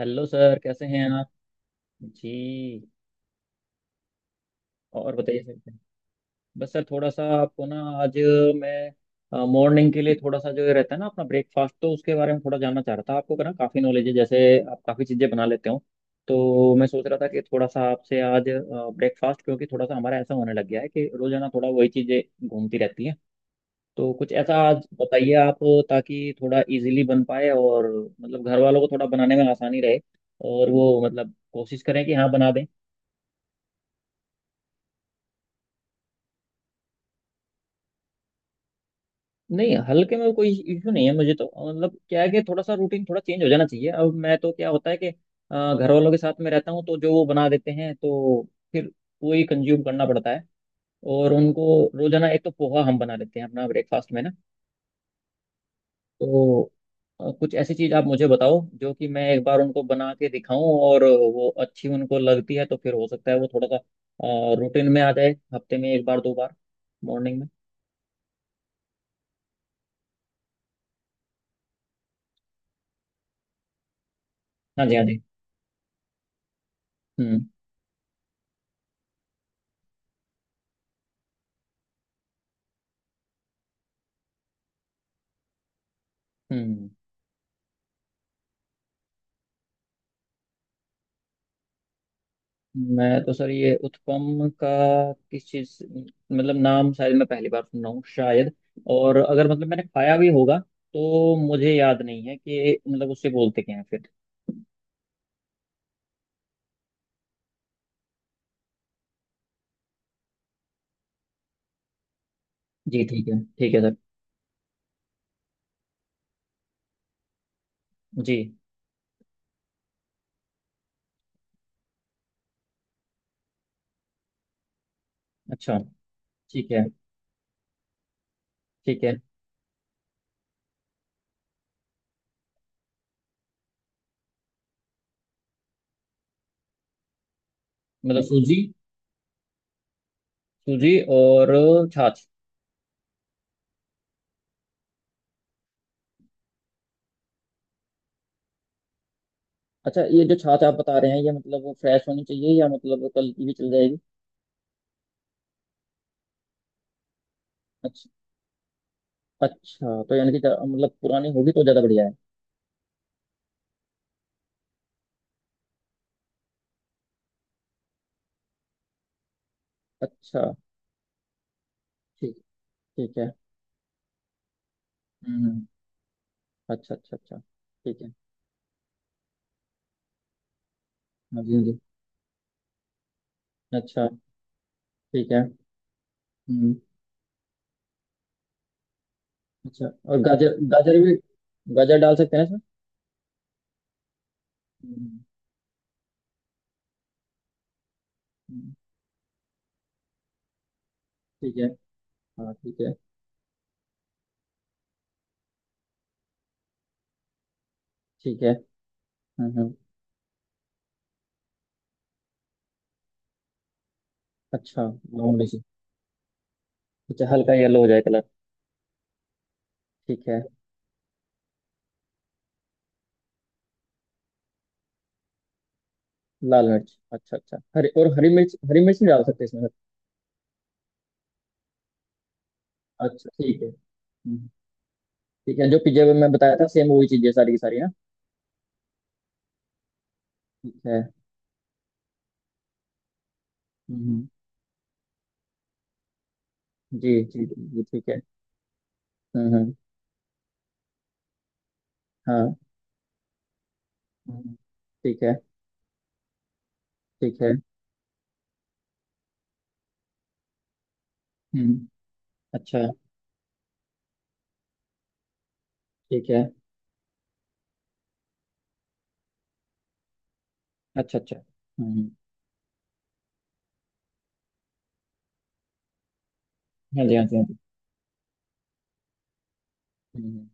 Hello sir, कैसे हैं आप? जी। और बताइए सर, बस सर, थोड़ा सा आपको ना आज मैं मॉर्निंग के लिए, थोड़ा सा जो ये रहता है ना अपना ब्रेकफास्ट, तो उसके बारे में थोड़ा जानना चाह रहा था। आपको ना काफ़ी नॉलेज है, जैसे आप काफ़ी चीज़ें बना लेते हो। तो मैं सोच रहा था कि थोड़ा सा आपसे आज ब्रेकफास्ट, क्योंकि थोड़ा सा हमारा ऐसा होने लग गया है कि रोजाना थोड़ा वही चीज़ें घूमती रहती हैं। तो कुछ ऐसा आज बताइए आप, ताकि थोड़ा इजीली बन पाए और मतलब घर वालों को थोड़ा बनाने में आसानी रहे, और वो मतलब कोशिश करें कि हाँ बना दें। नहीं, हल्के में कोई इशू नहीं है मुझे। तो मतलब क्या है कि थोड़ा सा रूटीन थोड़ा चेंज हो जाना चाहिए। अब मैं तो क्या होता है कि घर वालों के साथ में रहता हूँ, तो जो वो बना देते हैं तो फिर वही कंज्यूम करना पड़ता है। और उनको रोजाना एक तो पोहा हम बना लेते हैं अपना ब्रेकफास्ट में ना। तो कुछ ऐसी चीज आप मुझे बताओ जो कि मैं एक बार उनको बना के दिखाऊं, और वो अच्छी उनको लगती है तो फिर हो सकता है वो थोड़ा सा रूटीन में आ जाए, हफ्ते में एक बार दो बार मॉर्निंग में। हाँ जी, हाँ जी। हम्म हम्म। मैं तो सर ये उत्पम का किस चीज से- मतलब नाम शायद मैं पहली बार सुन रहा हूँ शायद। और अगर मतलब मैंने खाया भी होगा तो मुझे याद नहीं है कि मतलब उससे बोलते क्या है फिर। जी ठीक है, ठीक है सर। जी। अच्छा। ठीक है, ठीक है। मतलब सूजी, सूजी और छाछ। अच्छा, ये जो छाछ आप बता रहे हैं ये मतलब वो फ्रेश होनी चाहिए या मतलब कल की भी चल जाएगी? अच्छा। अच्छा, तो यानी कि मतलब पुरानी होगी तो ज़्यादा बढ़िया है। अच्छा। ठीक, ठीक है। हम्म। अच्छा, अच्छा, अच्छा। ठीक है। हाँ जी, हाँ जी। अच्छा। ठीक है। हम्म। अच्छा। और गाजर, गाजर भी। गाजर डाल सकते हैं इसमें? हम्म, हम्म, ठीक है। हाँ ठीक है, ठीक है। हम्म हम्म, अच्छा। मामूली सी। अच्छा, हल्का येलो हो जाए कलर। ठीक है। लाल मिर्च, अच्छा अच्छा हरी, और हरी मिर्च, हरी मिर्च नहीं डाल सकते इसमें? अच्छा ठीक है। हम्म, ठीक है, जो पिज्जा में मैं बताया था सेम वही चीजें सारी की सारी ना। ठीक है। हम्म हम्म। जी जी जी, ठीक है। हम्म हम्म, हाँ। हम्म, ठीक है। ठीक है। हम्म। अच्छा। ठीक है। अच्छा अच्छा, हम्म। हाँ जी, हाँ जी, हाँ जी। हम्म।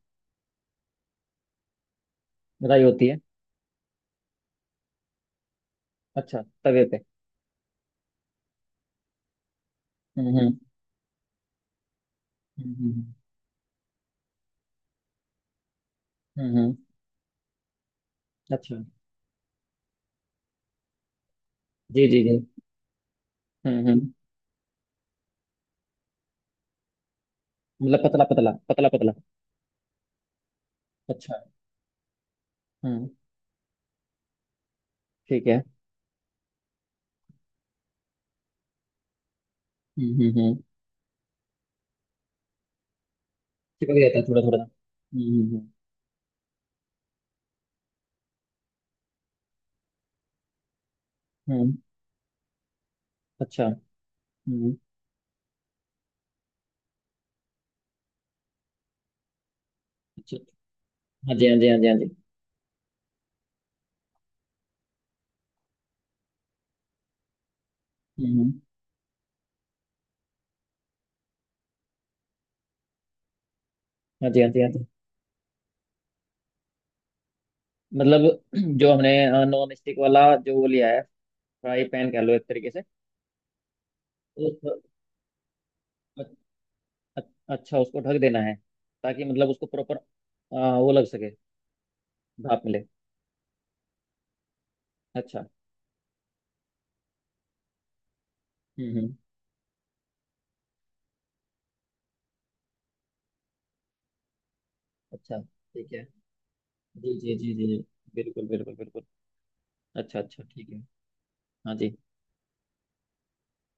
राई होती है। अच्छा, तवे पे। हम्म। हम्म। हम्म, हम्म, हम्म। अच्छा। जी जी जी। हम्म। मतलब पतला पतला पतला पतला। अच्छा। हम्म। ठीक है। हम्म। चिपक जाता है थोड़ा थोड़ा। हम्म। हम्म हम्म, अच्छा। हम्म। अच्छा। हाँ जी, हाँ जी, हाँ जी, हाँ जी। हम्म हम्म, हाँ जी, हाँ जी, हाँ जी। मतलब जो हमने नॉन स्टिक वाला जो वो लिया है, फ्राई पैन कह लो एक तरीके से। उस अ- अ- अच्छा उसको ढक देना है, ताकि मतलब उसको प्रॉपर वो लग सके। भाप मिले। अच्छा। हम्म। अच्छा, ठीक है। जी जी जी जी जी, बिल्कुल बिल्कुल बिल्कुल। अच्छा अच्छा, ठीक है। हाँ जी।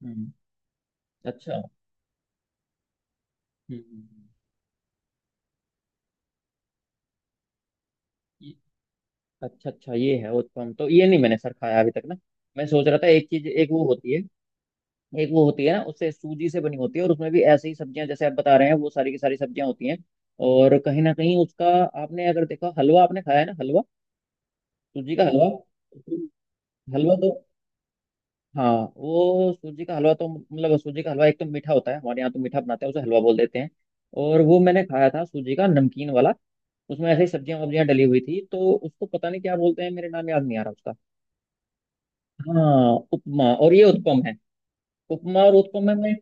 हम्म। अच्छा। हम्म, हम्म। ये- अच्छा अच्छा, ये है उत्पम। तो ये नहीं मैंने सर खाया अभी तक ना। मैं सोच रहा था एक चीज, एक वो होती है। एक वो होती है ना उससे सूजी से बनी होती है, और उसमें भी ऐसी ही सब्जियां जैसे आप बता रहे हैं वो सारी की सारी सब्जियां होती हैं, और कहीं ना कहीं उसका आपने अगर देखा। हलवा आपने खाया है ना? हलवा, सूजी का हलवा। हलवा तो हाँ। वो सूजी का हलवा तो मतलब सूजी का हलवा एक तो मीठा होता है, हमारे यहाँ तो मीठा बनाते हैं उसे हलवा बोल देते हैं। और वो मैंने खाया था सूजी का नमकीन वाला, उसमें ऐसे ही सब्जियां वब्जियां डली हुई थी तो उसको पता नहीं क्या बोलते हैं, मेरे नाम याद नहीं आ रहा उसका। हाँ उपमा, और ये उत्पम है। उपमा और उत्पम में मैं,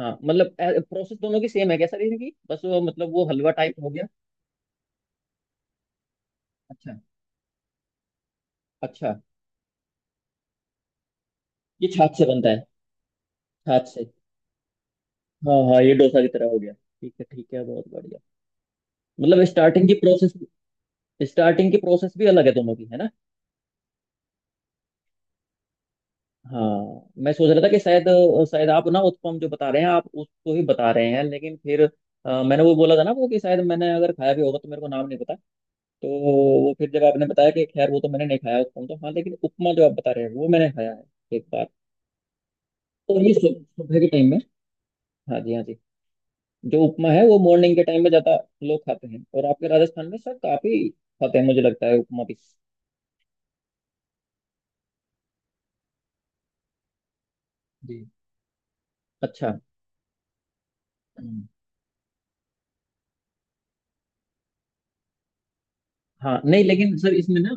हाँ मतलब प्रोसेस दोनों की सेम है क्या सर इनकी? बस वो मतलब वो हलवा टाइप हो गया। अच्छा। अच्छा, ये छाछ से बनता है, छाछ से। हाँ हाँ, ये डोसा की तरह हो गया, ठीक है, ठीक है, बहुत बढ़िया। मतलब स्टार्टिंग की प्रोसेस, स्टार्टिंग की प्रोसेस भी अलग है दोनों की है ना? हाँ। मैं सोच रहा था कि शायद, शायद आप ना उत्पम जो बता रहे हैं आप उसको ही बता रहे हैं, लेकिन फिर मैंने वो बोला था ना वो, कि शायद मैंने अगर खाया भी होगा तो मेरे को नाम नहीं पता। तो वो फिर जब आपने बताया कि खैर वो तो मैंने नहीं खाया उत्पम तो, हाँ लेकिन उपमा जो आप बता रहे हैं वो मैंने खाया है एक बार। तो ये सुबह के टाइम में, हाँ जी हाँ जी, जो उपमा है वो मॉर्निंग के टाइम में ज्यादा लोग खाते हैं, और आपके राजस्थान में सर काफी खाते हैं मुझे लगता है उपमा भी। जी। अच्छा। हम्म। हाँ नहीं, लेकिन सर इसमें ना,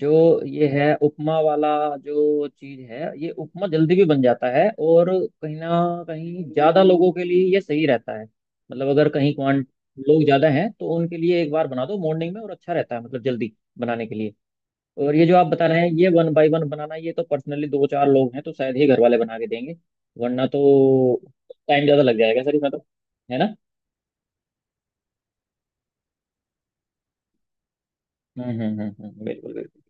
जो ये है उपमा वाला जो चीज है, ये उपमा जल्दी भी बन जाता है, और कहीं ना कहीं ज्यादा लोगों के लिए ये सही रहता है, मतलब अगर कहीं क्वांट लोग ज्यादा हैं तो उनके लिए एक बार बना दो मॉर्निंग में और अच्छा रहता है, मतलब जल्दी बनाने के लिए। और ये जो आप बता रहे हैं ये वन बाय वन बनाना, ये तो पर्सनली दो चार लोग हैं तो शायद ही घर वाले बना के देंगे, वरना तो टाइम ज्यादा लग जाएगा सर इसमें तो, है ना? हम्म, बिल्कुल बिल्कुल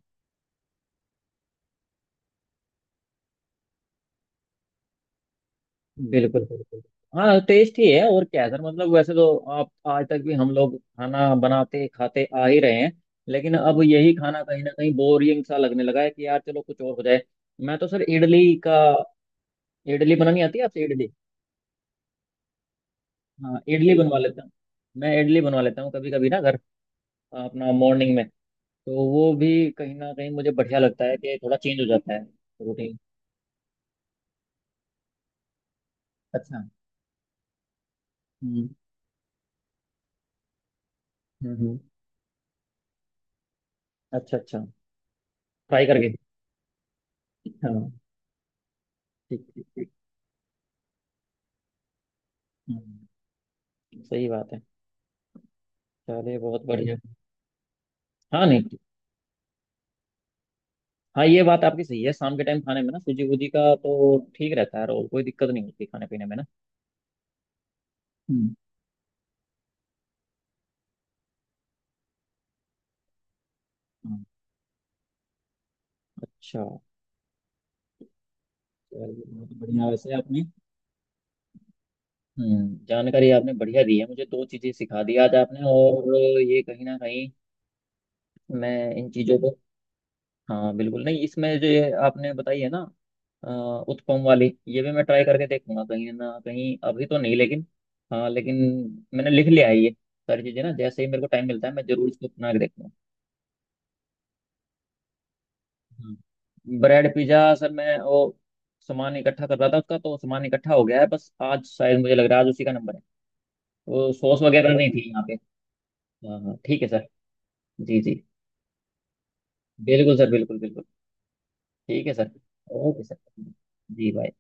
बिल्कुल बिल्कुल। हाँ टेस्ट ही है और क्या है सर, मतलब वैसे तो आप आज तक भी हम लोग खाना बनाते खाते आ ही रहे हैं, लेकिन अब यही खाना कहीं ना कहीं बोरिंग सा लगने लगा है कि यार चलो कुछ और हो जाए। मैं तो सर इडली का, इडली बनानी आती है आपसे इडली? हाँ इडली बनवा लेता हूँ, मैं इडली बनवा लेता हूँ कभी कभी ना घर, अपना मॉर्निंग में। तो वो भी कहीं ना कहीं मुझे बढ़िया लगता है कि थोड़ा चेंज हो जाता है रूटीन। अच्छा। हम्म हम्म हम्म। अच्छा, अच्छा। फ्राई करके। हाँ। ठीक ठीक ठीक। हम्म। सही बात है, चलिए बहुत बढ़िया। हाँ नहीं, हाँ ये बात आपकी सही है, शाम के टाइम खाने में ना सूजी वूजी का तो ठीक रहता है, रोल कोई दिक्कत नहीं होती खाने पीने में ना। हम्म, अच्छा। चलिए बहुत बढ़िया, वैसे आपने, जानकारी आपने बढ़िया दी है, मुझे दो चीजें सिखा दी आज आपने। और ये कहीं ना कहीं, मैं इन चीजों को, हाँ बिल्कुल। नहीं इसमें जो ये आपने बताई है ना, अ, उत्पम वाली, ये भी मैं ट्राई करके देखूंगा कहीं ना कहीं, अभी तो नहीं लेकिन, हाँ लेकिन मैंने लिख लिया है ये सारी चीजें ना, जैसे ही मेरे को टाइम मिलता है मैं जरूर इसको अपना के देखूंगा। ब्रेड पिज्जा सर मैं वो सामान इकट्ठा कर रहा था उसका, तो सामान इकट्ठा हो गया है, बस आज शायद मुझे लग रहा है आज उसी का नंबर है, वो सॉस वगैरह नहीं थी यहाँ पे। हाँ हाँ ठीक है सर। जी जी। बिल्कुल सर, बिल्कुल बिल्कुल। ठीक है सर। Okay sir. जी, बाय।